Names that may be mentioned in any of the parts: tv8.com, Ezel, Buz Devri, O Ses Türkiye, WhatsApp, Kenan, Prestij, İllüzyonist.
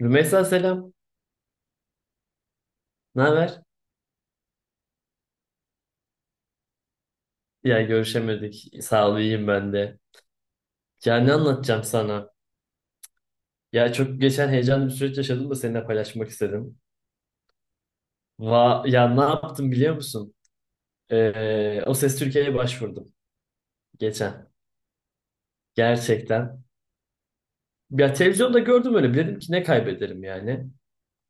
Rümeysa selam. Ne haber? Ya görüşemedik. Sağ ol iyiyim ben de. Ya ne anlatacağım sana? Ya çok geçen heyecanlı bir süreç yaşadım da seninle paylaşmak istedim. Va ya ne yaptım biliyor musun? O Ses Türkiye'ye başvurdum geçen. Gerçekten. Ya televizyonda gördüm öyle. Dedim ki ne kaybederim yani.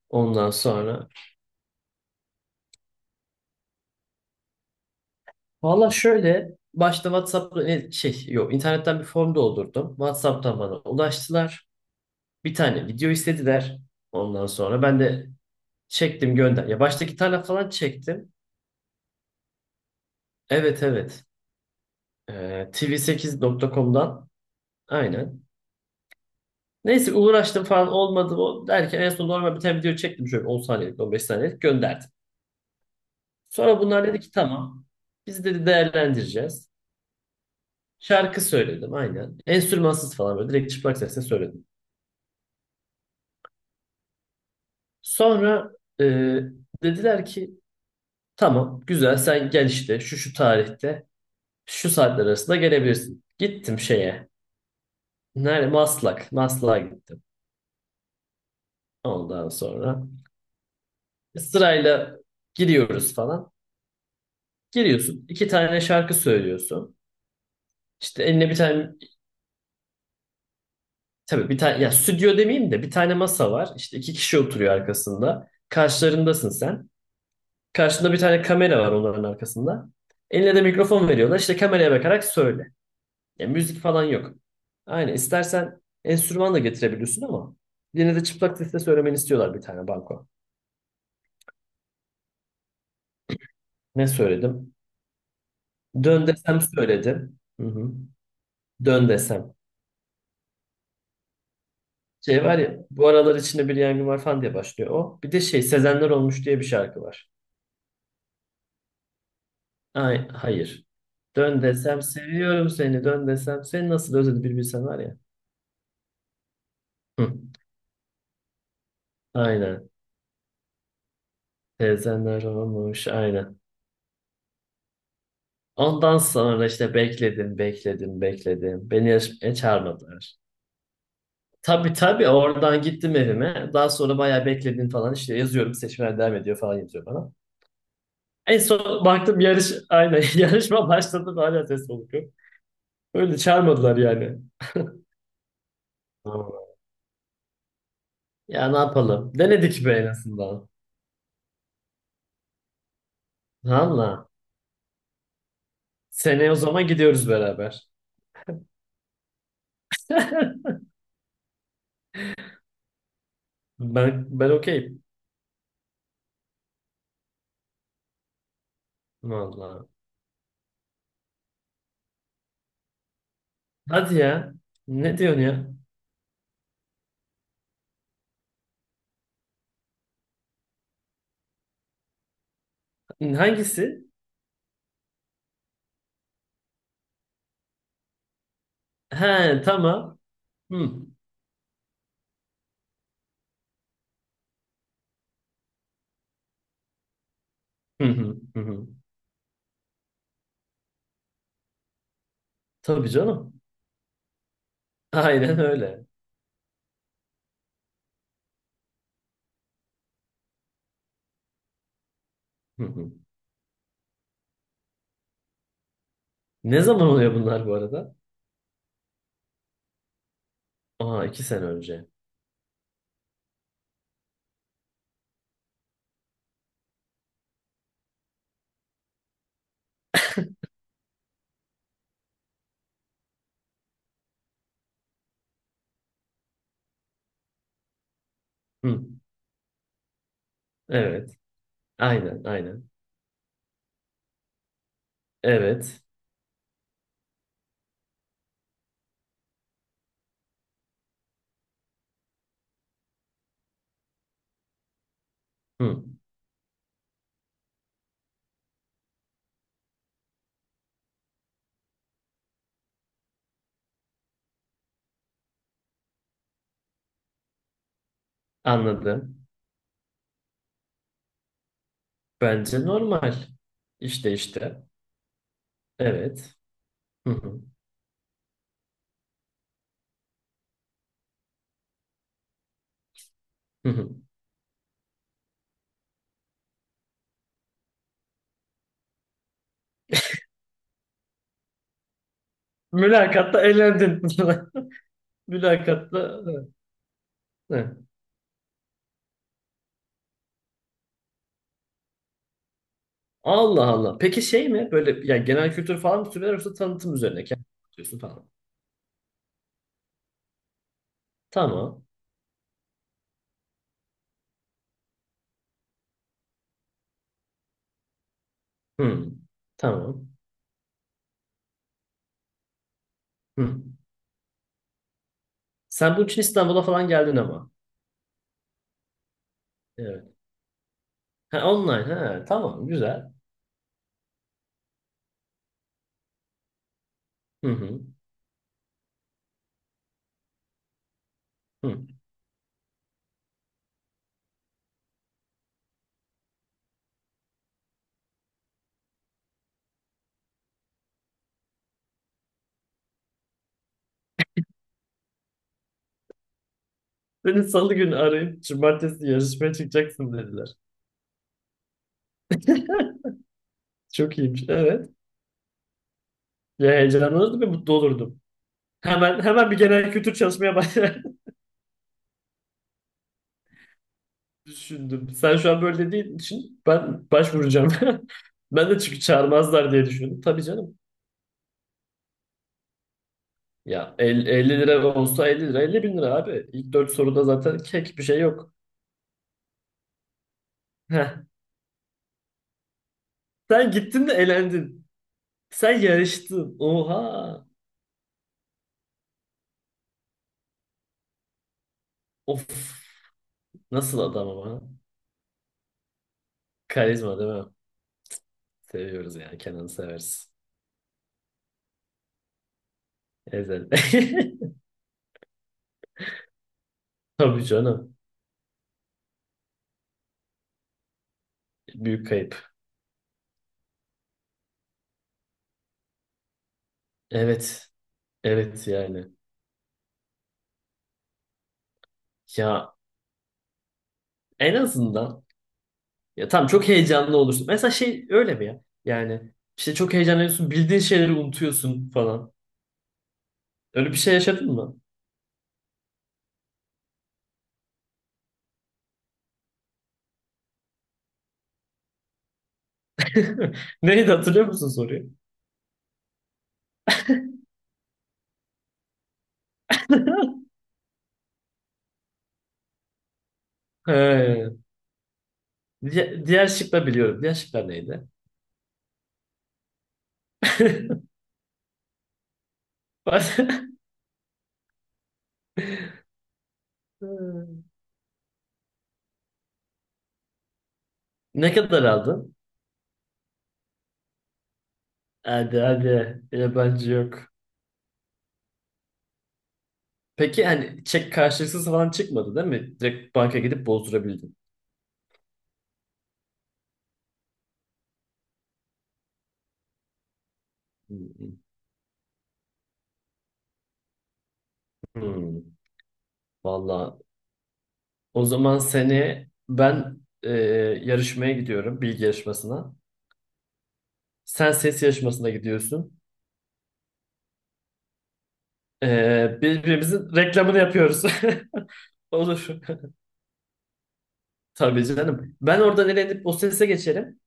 Ondan sonra. Valla şöyle. Başta WhatsApp'ta şey yok internetten bir form doldurdum. WhatsApp'tan bana ulaştılar. Bir tane video istediler. Ondan sonra ben de çektim gönder. Ya baştaki tarla falan çektim. Evet evet. Tv8.com'dan. Aynen. Neyse uğraştım falan olmadı o derken en son normal bir tane video çektim şöyle 10 saniyelik 15 saniyelik gönderdim. Sonra bunlar dedi ki tamam. Biz dedi değerlendireceğiz. Şarkı söyledim aynen. Enstrümansız falan böyle direkt çıplak sesle söyledim. Sonra e, dediler ki tamam güzel sen gel işte şu şu tarihte şu saatler arasında gelebilirsin. Gittim şeye. Nerede? Maslak. Maslak'a gittim. Ondan sonra sırayla giriyoruz falan. Giriyorsun. İki tane şarkı söylüyorsun. İşte eline bir tane tabii bir tane ya stüdyo demeyeyim de bir tane masa var. İşte iki kişi oturuyor arkasında. Karşılarındasın sen. Karşında bir tane kamera var onların arkasında. Eline de mikrofon veriyorlar. İşte kameraya bakarak söyle. Ya müzik falan yok. Aynen istersen enstrüman da getirebiliyorsun ama yine de çıplak sesle söylemeni istiyorlar bir tane banko. Ne söyledim? Dön desem söyledim. Hı hı. Dön desem. Şey var ya bu aralar içinde bir yangın var falan diye başlıyor o. Bir de şey Sezenler Olmuş diye bir şarkı var. Ay, hayır. Dön desem seviyorum seni. Dön desem seni nasıl özledim bir bilsen var ya. Hı. Aynen. Sezenler Olmuş aynen. Ondan sonra işte bekledim bekledim bekledim. Beni yarışmaya çağırmadılar. Tabii tabii oradan gittim evime. Daha sonra bayağı bekledim falan işte yazıyorum seçmeler devam ediyor falan yazıyor bana. En son baktım yarış aynen yarışma başladı da hala ses soluk yok. Öyle çağırmadılar yani. Doğru. Ya ne yapalım? Denedik be en azından. Valla. Seneye o zaman gidiyoruz beraber. Ben okeyim. Valla. Hadi ya. Ne diyorsun ya? Hangisi? He tamam. Hı. Hı hı hı hı. Tabii canım. Aynen öyle. Hı hı. Ne zaman oluyor bunlar bu arada? Aa iki sene önce. Hı. Evet. Aynen aynen. Evet. Hı. Anladım. Bence normal. İşte işte. Evet. Hı hı. Hı hı. Mülakatta eğlendin. Mülakatta. Evet, evet. Allah Allah. Peki şey mi? Böyle yani genel kültür falan mı soruyorlar yoksa tanıtım üzerine kendin anlatıyorsun falan. Tamam. Hı. Tamam. Hı. Sen bunun için İstanbul'a falan geldin ama. Evet. Ha, online. Ha, tamam. Güzel. Hı hı. Hı. Seni salı günü arayıp cumartesi yarışmaya çıkacaksın dediler. Çok iyiymiş. Evet. Ya heyecanlanırdım ve mutlu olurdum. Hemen hemen bir genel kültür çalışmaya başladım. Düşündüm. Sen şu an böyle dediğin için ben başvuracağım. Ben de çünkü çağırmazlar diye düşündüm. Tabii canım. Ya 50 lira olsa 50 lira 50 bin lira abi. İlk dört soruda zaten kek bir şey yok. Heh. Sen gittin de elendin. Sen yarıştın. Oha. Of. Nasıl adam ama. Karizma değil mi? Seviyoruz yani. Kenan'ı severiz. Ezel. Tabii canım. Büyük kayıp. Evet. Evet yani. Ya en azından. Ya tamam çok heyecanlı olursun. Mesela şey öyle mi ya? Yani işte çok heyecanlanıyorsun, bildiğin şeyleri unutuyorsun falan. Öyle bir şey yaşadın mı? Neydi hatırlıyor musun soruyu? He. Diğer şıkla biliyorum. Diğer şıklar neydi? Bas- Ne kadar aldın? Hadi hadi. Yabancı yok. Peki hani çek karşılıksız falan çıkmadı değil mi? Direkt banka gidip bozdurabildin. Hmm. Valla. O zaman seni ben yarışmaya gidiyorum bilgi yarışmasına. Sen ses yarışmasına gidiyorsun. Birbirimizin reklamını yapıyoruz. Olur. Tabii canım. Ben oradan elenip o sese geçerim.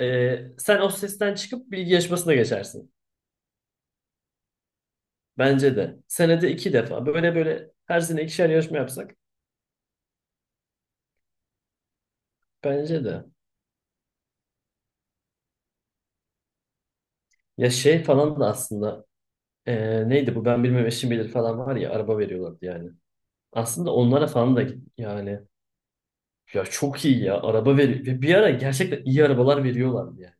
E, sen o sesten çıkıp bilgi yarışmasına geçersin. Bence de. Senede iki defa. Böyle böyle her sene ikişer yarışma yapsak. Bence de. Ya şey falan da aslında. Neydi bu ben bilmem eşim bilir falan var ya araba veriyorlardı yani. Aslında onlara falan da git yani. Ya çok iyi ya. Araba veriyor. Ve bir ara gerçekten iyi arabalar veriyorlardı ya.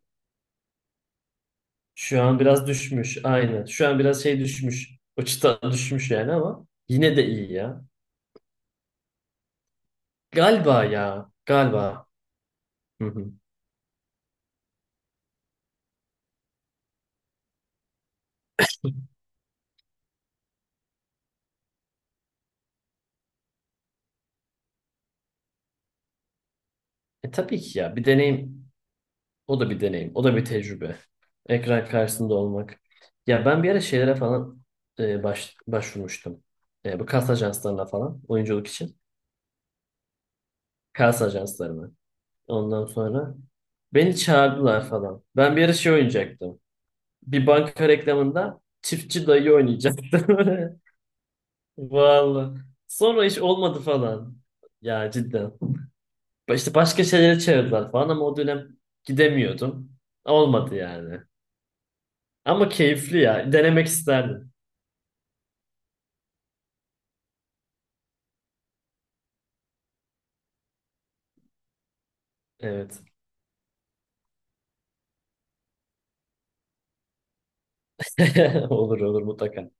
Şu an biraz düşmüş. Aynen. Şu an biraz şey düşmüş. O çıta düşmüş yani ama yine de iyi ya. Galiba ya. Galiba. Hı hı. E tabii ki ya. Bir deneyim. O da bir deneyim. O da bir tecrübe. Ekran karşısında olmak. Ya ben bir ara şeylere falan başvurmuştum. Bu kas ajanslarına falan. Oyunculuk için. Kas ajanslarına. Ondan sonra beni çağırdılar falan. Ben bir ara şey oynayacaktım. Bir banka reklamında çiftçi dayı oynayacaktı. Vallahi. Sonra iş olmadı falan. Ya cidden. İşte başka şeylere çevirdiler falan ama o dönem gidemiyordum. Olmadı yani. Ama keyifli ya. Denemek isterdim. Evet. Olur olur mutlaka.